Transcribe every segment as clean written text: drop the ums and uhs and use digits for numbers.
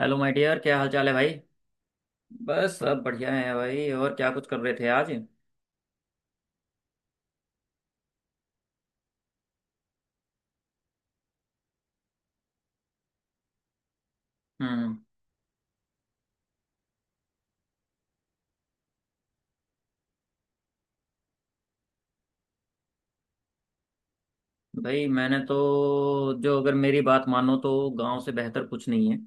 Hello my dear, क्या हाल चाल है भाई। बस सब बढ़िया है भाई। और क्या कुछ कर रहे थे आज। हम्म। भाई मैंने तो, जो अगर मेरी बात मानो तो गांव से बेहतर कुछ नहीं है।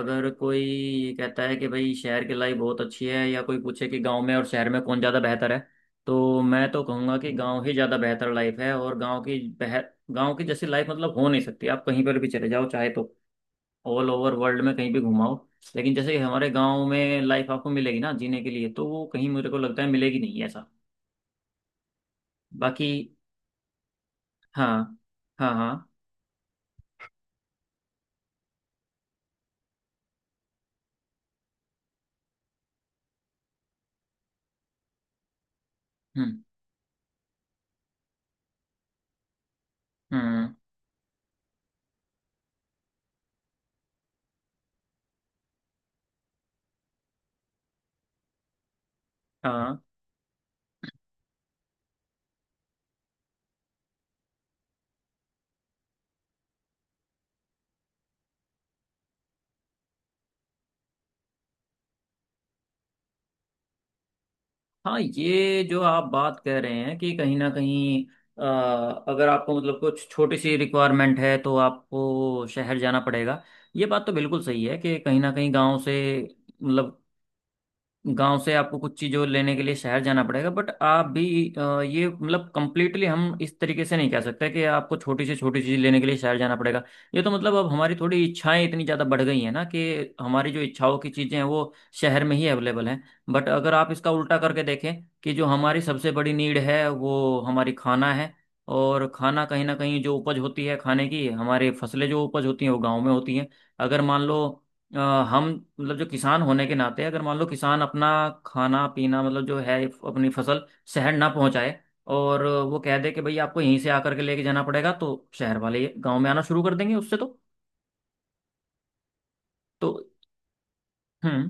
अगर कोई ये कहता है कि भाई शहर की लाइफ बहुत अच्छी है या कोई पूछे कि गांव में और शहर में कौन ज़्यादा बेहतर है, तो मैं तो कहूँगा कि गांव ही ज़्यादा बेहतर लाइफ है। और गांव की बेह गांव की जैसी लाइफ मतलब हो नहीं सकती। आप कहीं पर भी चले जाओ, चाहे तो ऑल ओवर वर्ल्ड में कहीं भी घुमाओ, लेकिन जैसे हमारे गांव में लाइफ आपको मिलेगी ना जीने के लिए, तो वो कहीं मेरे को लगता है मिलेगी नहीं, ऐसा। बाकी। हाँ। हाँ हाँ। हम्म हम्म। हाँ हाँ, ये जो आप बात कह रहे हैं कि कहीं ना कहीं अ, अगर आपको मतलब कुछ छोटी सी रिक्वायरमेंट है तो आपको शहर जाना पड़ेगा। ये बात तो बिल्कुल सही है कि कहीं ना कहीं गांव से, मतलब गांव से आपको कुछ चीज़ों लेने के लिए शहर जाना पड़ेगा। बट आप भी ये मतलब कंप्लीटली हम इस तरीके से नहीं कह सकते कि आपको छोटी से छोटी चीज़ लेने के लिए शहर जाना पड़ेगा। ये तो मतलब अब हमारी थोड़ी इच्छाएं इतनी ज़्यादा बढ़ गई हैं ना कि हमारी जो इच्छाओं की चीज़ें हैं वो शहर में ही अवेलेबल हैं। बट अगर आप इसका उल्टा करके देखें कि जो हमारी सबसे बड़ी नीड है वो हमारी खाना है। और खाना कहीं ना कहीं जो उपज होती है, खाने की हमारी फसलें जो उपज होती हैं, वो गाँव में होती हैं। अगर मान लो अ, हम मतलब, जो किसान होने के नाते, अगर मान लो किसान अपना खाना पीना मतलब जो है अपनी फसल शहर ना पहुंचाए और वो कह दे कि भाई आपको यहीं से आकर के लेके जाना पड़ेगा, तो शहर वाले गांव में आना शुरू कर देंगे, उससे तो। तो हम्म।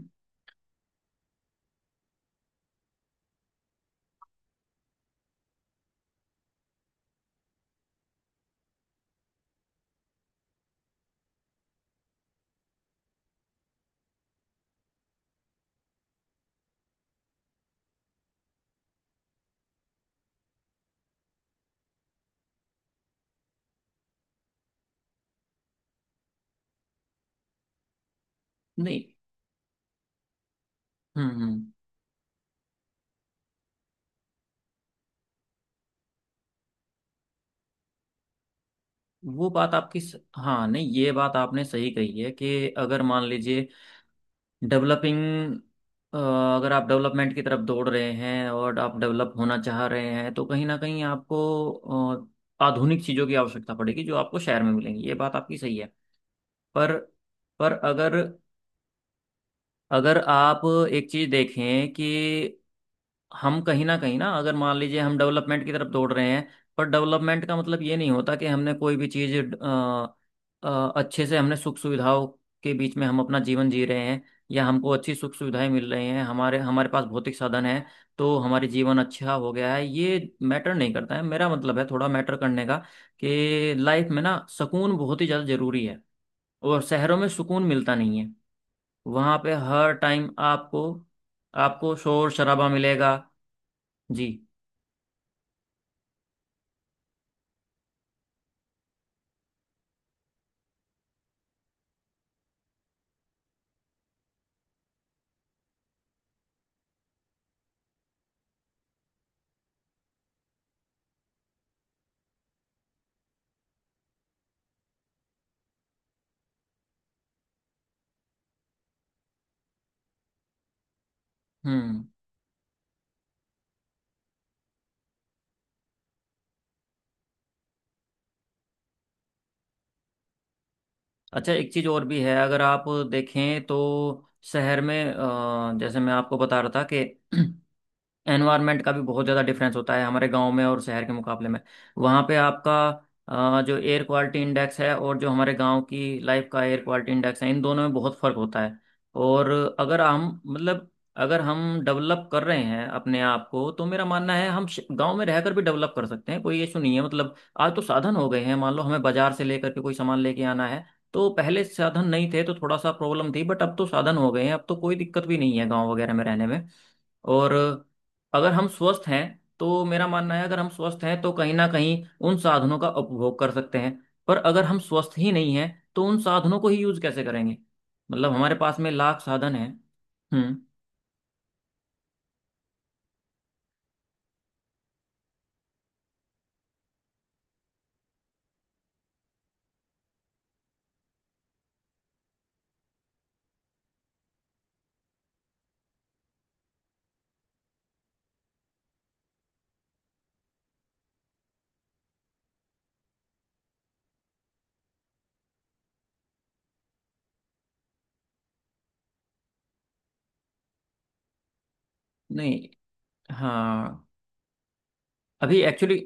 नहीं। हम्म। वो बात आपकी स... हाँ, नहीं, ये बात आपने सही कही है कि अगर मान लीजिए, डेवलपिंग अगर आप डेवलपमेंट की तरफ दौड़ रहे हैं और आप डेवलप होना चाह रहे हैं तो कहीं ना कहीं आपको आधुनिक चीज़ों की आवश्यकता पड़ेगी जो आपको शहर में मिलेंगी, ये बात आपकी सही है। पर पर अगर अगर आप एक चीज़ देखें कि हम कहीं ना कहीं ना, अगर मान लीजिए हम डेवलपमेंट की तरफ दौड़ रहे हैं, पर डेवलपमेंट का मतलब ये नहीं होता कि हमने कोई भी चीज़ अच्छे से हमने सुख सुविधाओं के बीच में हम अपना जीवन जी रहे हैं या हमको अच्छी सुख सुविधाएं मिल रही हैं, हमारे हमारे पास भौतिक साधन है, तो हमारे जीवन अच्छा हो गया है, ये मैटर नहीं करता है। मेरा मतलब है थोड़ा मैटर करने का कि लाइफ में ना सुकून बहुत ही ज़्यादा ज़रूरी है। और शहरों में सुकून मिलता नहीं है। वहाँ पे हर टाइम आपको आपको शोर शराबा मिलेगा। जी। हम्म। अच्छा, एक चीज़ और भी है, अगर आप देखें तो शहर में, जैसे मैं आपको बता रहा था कि एनवायरनमेंट का भी बहुत ज़्यादा डिफरेंस होता है हमारे गांव में और शहर के मुकाबले में। वहाँ पे आपका जो एयर क्वालिटी इंडेक्स है और जो हमारे गांव की लाइफ का एयर क्वालिटी इंडेक्स है, इन दोनों में बहुत फ़र्क होता है। और अगर हम मतलब अगर हम डेवलप कर रहे हैं अपने आप को, तो मेरा मानना है हम गांव में रहकर भी डेवलप कर सकते हैं, कोई इशू नहीं है। मतलब आज तो साधन हो गए हैं, मान लो हमें बाजार से लेकर के कोई सामान लेके आना है, तो पहले साधन नहीं थे तो थोड़ा सा प्रॉब्लम थी, बट अब तो साधन हो गए हैं, अब तो कोई दिक्कत भी नहीं है गांव वगैरह में रहने में। और अगर हम स्वस्थ हैं, तो मेरा मानना है, अगर हम स्वस्थ हैं तो कहीं ना कहीं उन साधनों का उपभोग कर सकते हैं। पर अगर हम स्वस्थ ही नहीं हैं, तो उन साधनों को ही यूज कैसे करेंगे। मतलब हमारे पास में लाख साधन हैं। हम्म। नहीं। हाँ। अभी एक्चुअली,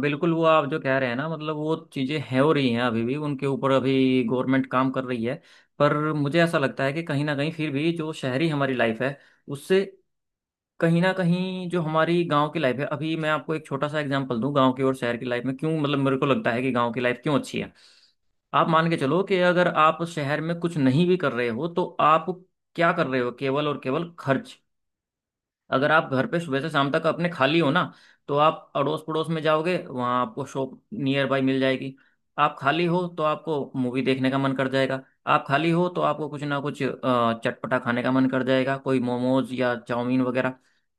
बिल्कुल, वो आप जो कह रहे हैं ना, मतलब वो चीज़ें हैं, हो रही हैं, अभी भी उनके ऊपर अभी गवर्नमेंट काम कर रही है। पर मुझे ऐसा लगता है कि कहीं ना कहीं फिर भी जो शहरी हमारी लाइफ है, उससे कहीं ना कहीं जो हमारी गांव की लाइफ है, अभी मैं आपको एक छोटा सा एग्जांपल दूं, गांव की और शहर की लाइफ में क्यों, मतलब मेरे को लगता है कि गांव की लाइफ क्यों अच्छी है। आप मान के चलो कि अगर आप शहर में कुछ नहीं भी कर रहे हो, तो आप क्या कर रहे हो, केवल और केवल खर्च। अगर आप घर पे सुबह से शाम तक अपने खाली हो ना, तो आप अड़ोस पड़ोस में जाओगे, वहाँ आपको शॉप नियर बाय मिल जाएगी। आप खाली हो तो आपको मूवी देखने का मन कर जाएगा। आप खाली हो तो आपको कुछ ना कुछ चटपटा खाने का मन कर जाएगा, कोई मोमोज या चाउमीन वगैरह।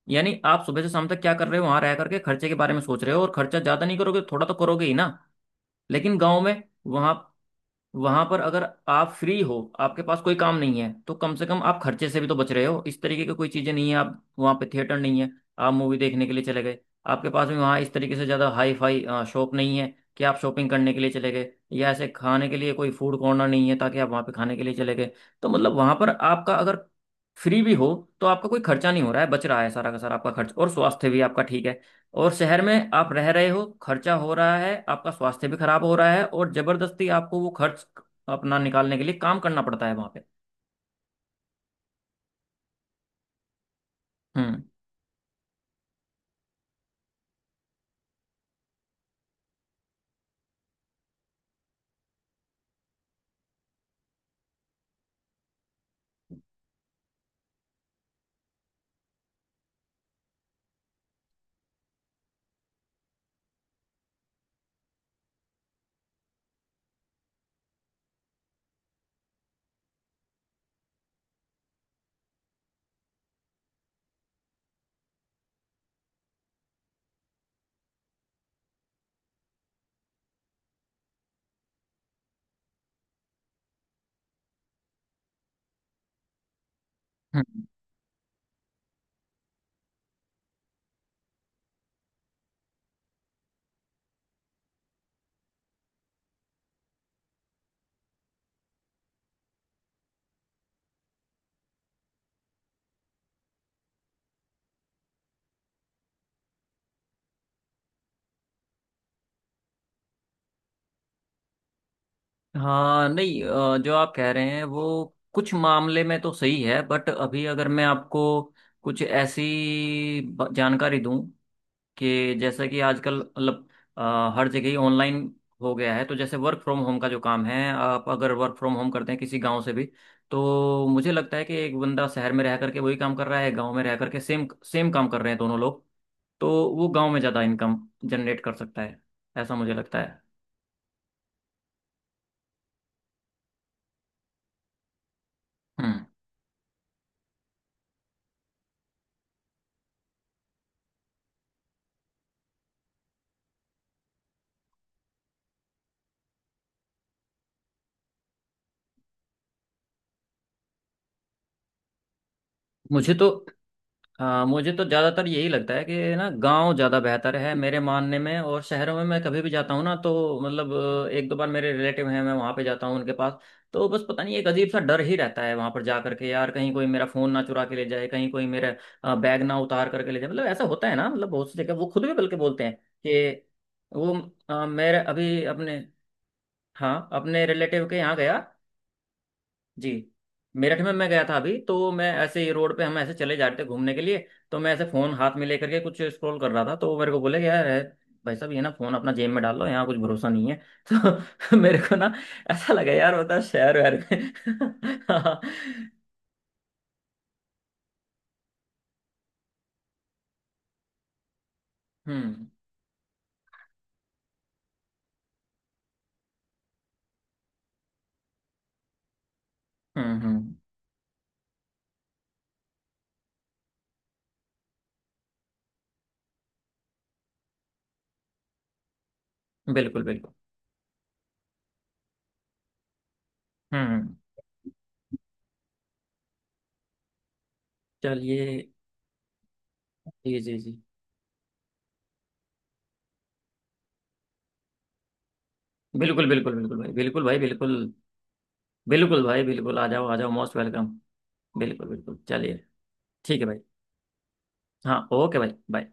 यानी आप सुबह से शाम तक क्या कर रहे हो वहाँ रह करके, खर्चे के बारे में सोच रहे हो, और खर्चा ज़्यादा नहीं करोगे, थोड़ा तो करोगे ही ना। लेकिन गाँव में वहाँ, वहां पर अगर आप फ्री हो, आपके पास कोई काम नहीं है, तो कम से कम आप खर्चे से भी तो बच रहे हो। इस तरीके की कोई चीजें नहीं है आप वहां पे, थिएटर नहीं है आप मूवी देखने के लिए चले गए, आपके पास भी वहाँ इस तरीके से ज्यादा हाई फाई शॉप नहीं है कि आप शॉपिंग करने के लिए चले गए, या ऐसे खाने के लिए कोई फूड कॉर्नर नहीं है ताकि आप वहां पे खाने के लिए चले गए। तो मतलब वहां पर आपका अगर फ्री भी हो तो आपका कोई खर्चा नहीं हो रहा है, बच रहा है सारा का सारा आपका खर्च, और स्वास्थ्य भी आपका ठीक है। और शहर में आप रह रहे हो, खर्चा हो रहा है, आपका स्वास्थ्य भी खराब हो रहा है, और जबरदस्ती आपको वो खर्च अपना निकालने के लिए काम करना पड़ता है वहां पे। हम्म हम्म। हाँ, नहीं, जो आप कह रहे हैं वो कुछ मामले में तो सही है, बट अभी अगर मैं आपको कुछ ऐसी जानकारी दूं कि जैसे कि आजकल मतलब हर जगह ही ऑनलाइन हो गया है, तो जैसे वर्क फ्रॉम होम का जो काम है, आप अगर वर्क फ्रॉम होम करते हैं किसी गांव से भी, तो मुझे लगता है कि एक बंदा शहर में रह करके वही काम कर रहा है, गांव में रह करके सेम सेम काम कर रहे हैं दोनों लोग, तो वो गांव में ज़्यादा इनकम जनरेट कर सकता है, ऐसा मुझे लगता है। हम्म। मुझे तो हाँ, मुझे तो ज़्यादातर यही लगता है कि ना, गांव ज़्यादा बेहतर है मेरे मानने में। और शहरों में मैं कभी भी जाता हूँ ना, तो मतलब एक दो बार मेरे रिलेटिव हैं मैं वहाँ पे जाता हूँ उनके पास, तो बस पता नहीं एक अजीब सा डर ही रहता है वहाँ पर जा करके, यार कहीं कोई मेरा फ़ोन ना चुरा के ले जाए, कहीं कोई मेरा बैग ना उतार करके ले जाए। मतलब ऐसा होता है ना, मतलब बहुत सी जगह वो खुद भी बल्कि बोलते हैं कि, वो अ, मेरे अभी अपने हाँ, अपने रिलेटिव के यहाँ गया। जी। मेरठ में मैं गया था अभी, तो मैं ऐसे ही रोड पे, हम ऐसे चले जा रहे थे घूमने के लिए, तो मैं ऐसे फ़ोन हाथ में लेकर के कुछ स्क्रॉल कर रहा था, तो वो मेरे को बोले कि यार है, भाई साहब ये ना फ़ोन अपना जेब में डाल लो, यहाँ कुछ भरोसा नहीं है। तो मेरे को ना ऐसा लगा, यार बता, शहर वहर में। हम्म हम्म। बिल्कुल बिल्कुल। हम्म हम्म। चलिए। जी जी जी। बिल्कुल बिल्कुल बिल्कुल भाई, बिल्कुल भाई, बिल्कुल। बिल्कुल भाई, बिल्कुल, आ जाओ आ जाओ, मोस्ट वेलकम। बिल्कुल बिल्कुल, चलिए। ठीक है भाई। हाँ, ओके भाई, बाय।